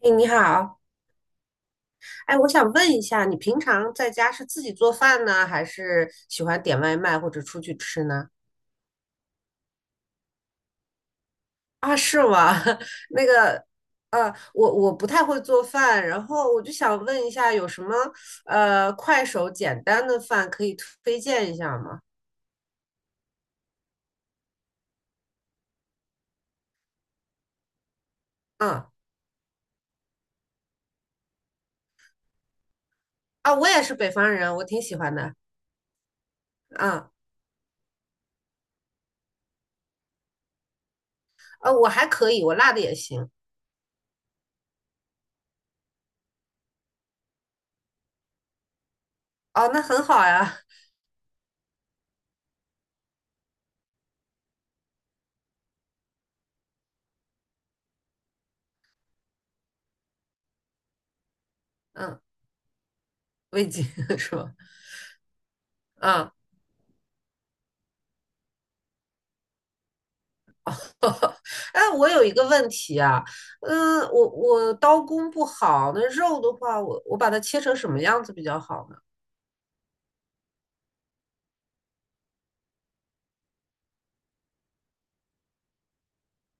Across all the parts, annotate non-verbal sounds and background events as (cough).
哎，你好。哎，我想问一下，你平常在家是自己做饭呢，还是喜欢点外卖或者出去吃呢？啊，是吗？(laughs) 那个，呃，我不太会做饭，然后我就想问一下，有什么快手简单的饭可以推荐一下吗？嗯。啊，我也是北方人，我挺喜欢的。嗯，我还可以，我辣的也行。哦，那很好呀。嗯，味精 (laughs) 是吧？嗯。(laughs) 哎，我有一个问题啊。嗯，我刀工不好，那肉的话，我把它切成什么样子比较好呢？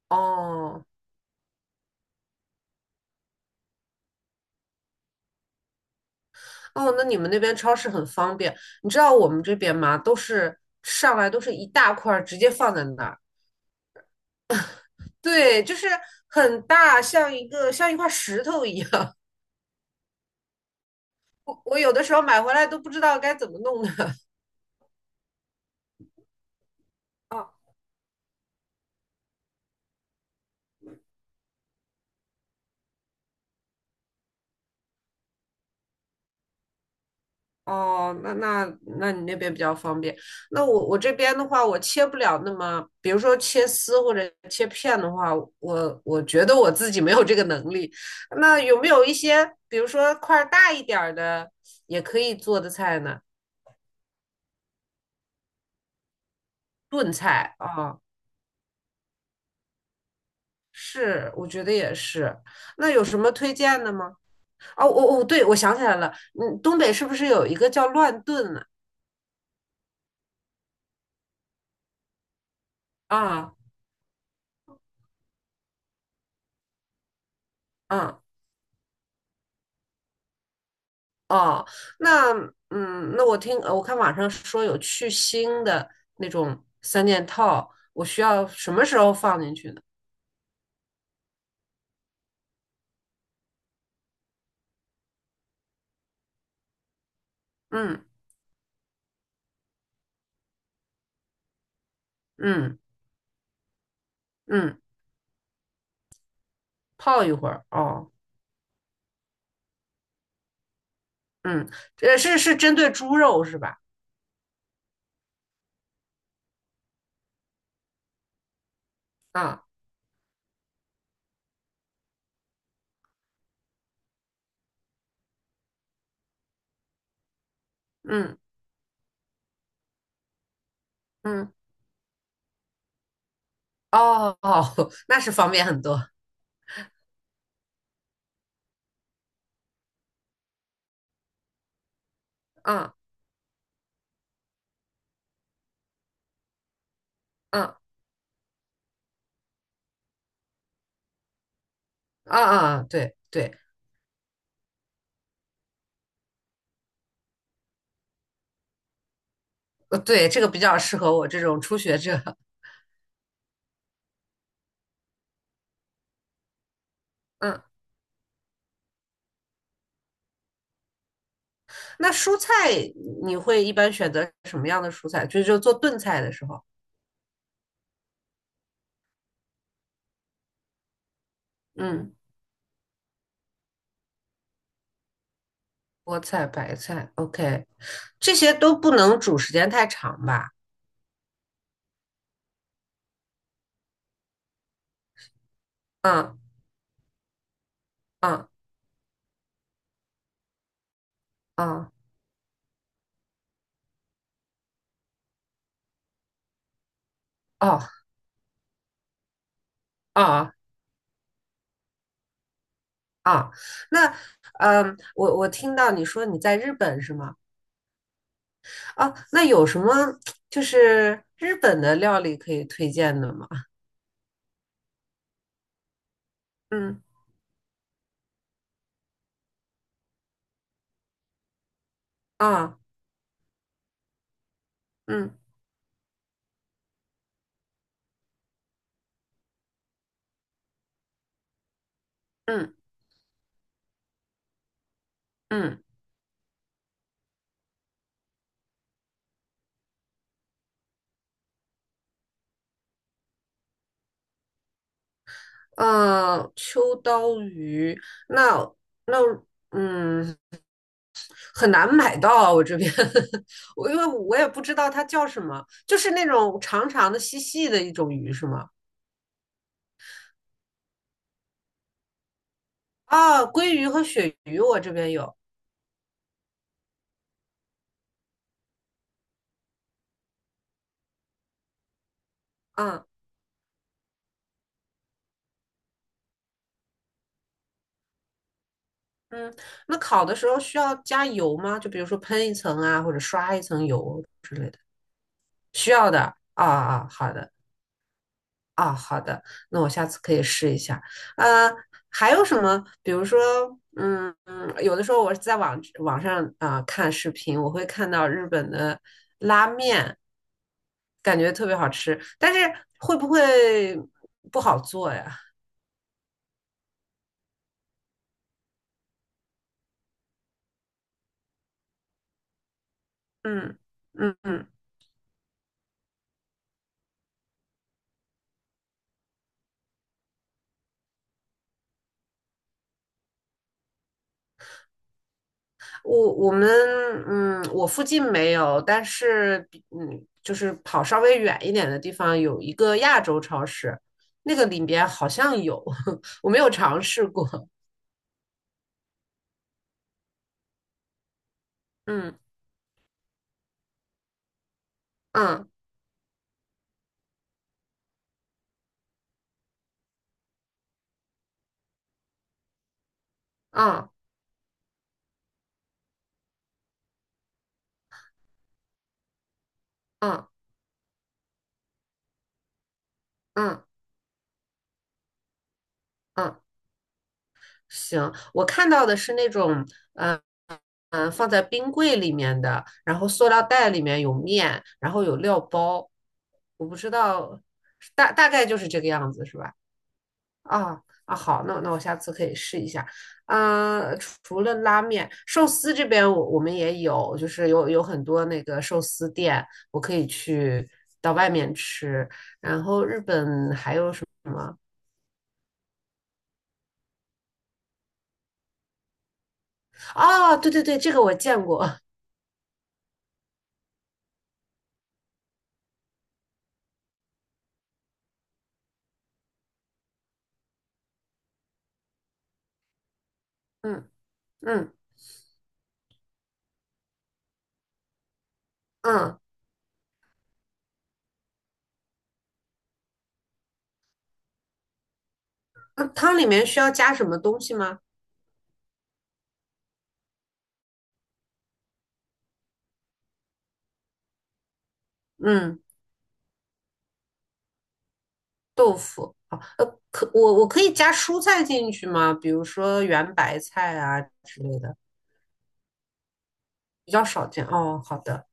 哦哦，那你们那边超市很方便。你知道我们这边吗？都是上来都是一大块儿，直接放在那儿，对，就是很大，像一个像一块石头一样。(laughs) 我有的时候买回来都不知道该怎么弄的。(laughs) 哦，那你那边比较方便。那我这边的话，我切不了那么，比如说切丝或者切片的话，我觉得我自己没有这个能力。那有没有一些，比如说块儿大一点儿的，也可以做的菜呢？炖菜啊。是，我觉得也是。那有什么推荐的吗？哦，我对，我想起来了。嗯，东北是不是有一个叫乱炖呢？啊啊哦，那那，我看网上说有去腥的那种三件套，我需要什么时候放进去呢？嗯嗯嗯，泡一会儿哦。嗯，是针对猪肉是吧？啊，嗯嗯，哦哦，(laughs) 那是方便很多。啊啊啊啊，对对对，这个比较适合我这种初学者。嗯，那蔬菜你会一般选择什么样的蔬菜？就做炖菜的时候。嗯。菠菜、白菜，OK。这些都不能煮时间太长吧？嗯嗯嗯，哦哦哦，那，我听到你说你在日本是吗？哦，那有什么就是日本的料理可以推荐的吗？嗯啊嗯嗯嗯嗯，秋刀鱼。那那嗯。很难买到，啊，我这边 (laughs) 我因为我也不知道它叫什么，就是那种长长的、细细的一种鱼是吗？啊，鲑鱼和鳕鱼我这边有。嗯嗯，那烤的时候需要加油吗？就比如说喷一层啊，或者刷一层油之类的，需要的。啊啊，好的。啊，好的，那我下次可以试一下。呃，还有什么？比如说，嗯，嗯有的时候我是在网上啊、看视频，我会看到日本的拉面，感觉特别好吃，但是会不会不好做呀？嗯嗯嗯，我们，我附近没有，但是就是跑稍微远一点的地方有一个亚洲超市，那个里边好像有，(laughs) 我没有尝试过。嗯嗯嗯嗯嗯嗯，行，我看到的是那种，嗯、嗯、放在冰柜里面的，然后塑料袋里面有面，然后有料包，我不知道，大概就是这个样子，是吧？啊啊，好，那我下次可以试一下。嗯、除了拉面，寿司这边我们也有，就是有很多那个寿司店，我可以去到外面吃。然后日本还有什么？哦，对对对，这个我见过。嗯嗯嗯，那汤里面需要加什么东西吗？嗯，豆腐。好，可我可以加蔬菜进去吗？比如说圆白菜啊之类的。比较少见。哦，好的。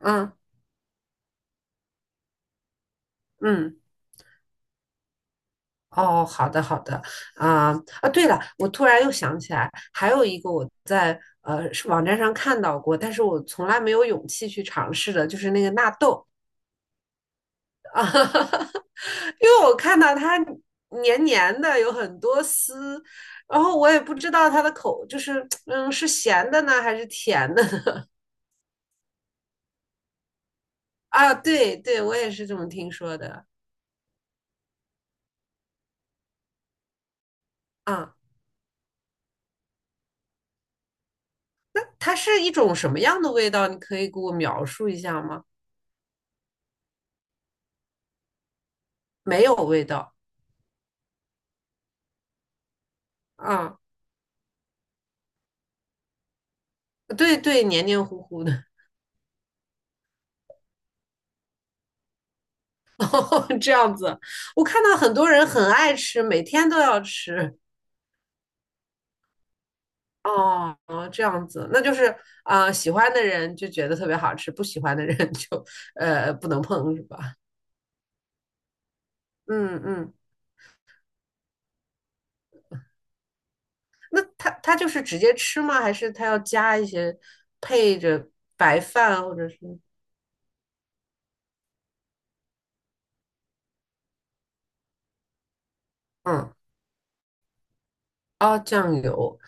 嗯嗯，哦，好的好的。啊、啊，对了，我突然又想起来，还有一个我在网站上看到过，但是我从来没有勇气去尝试的，就是那个纳豆。啊，(laughs) 因为我看到它黏黏的，有很多丝，然后我也不知道它的口就是是咸的呢还是甜的 (laughs) 啊？对对，我也是这么听说的啊。它是一种什么样的味道？你可以给我描述一下吗？没有味道啊。对对，黏黏糊糊的。(laughs) 这样子。我看到很多人很爱吃，每天都要吃。哦，这样子，那就是喜欢的人就觉得特别好吃，不喜欢的人 (laughs) 就不能碰，是吧？嗯嗯，那他就是直接吃吗？还是他要加一些配着白饭或者是嗯哦酱油？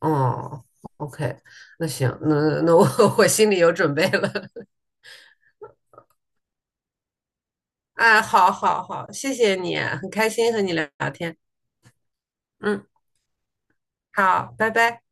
哦，OK，那行，那我 (laughs) 我心里有准备了。(laughs) 哎，好好好，谢谢你，很开心和你聊聊天。嗯，好，拜拜。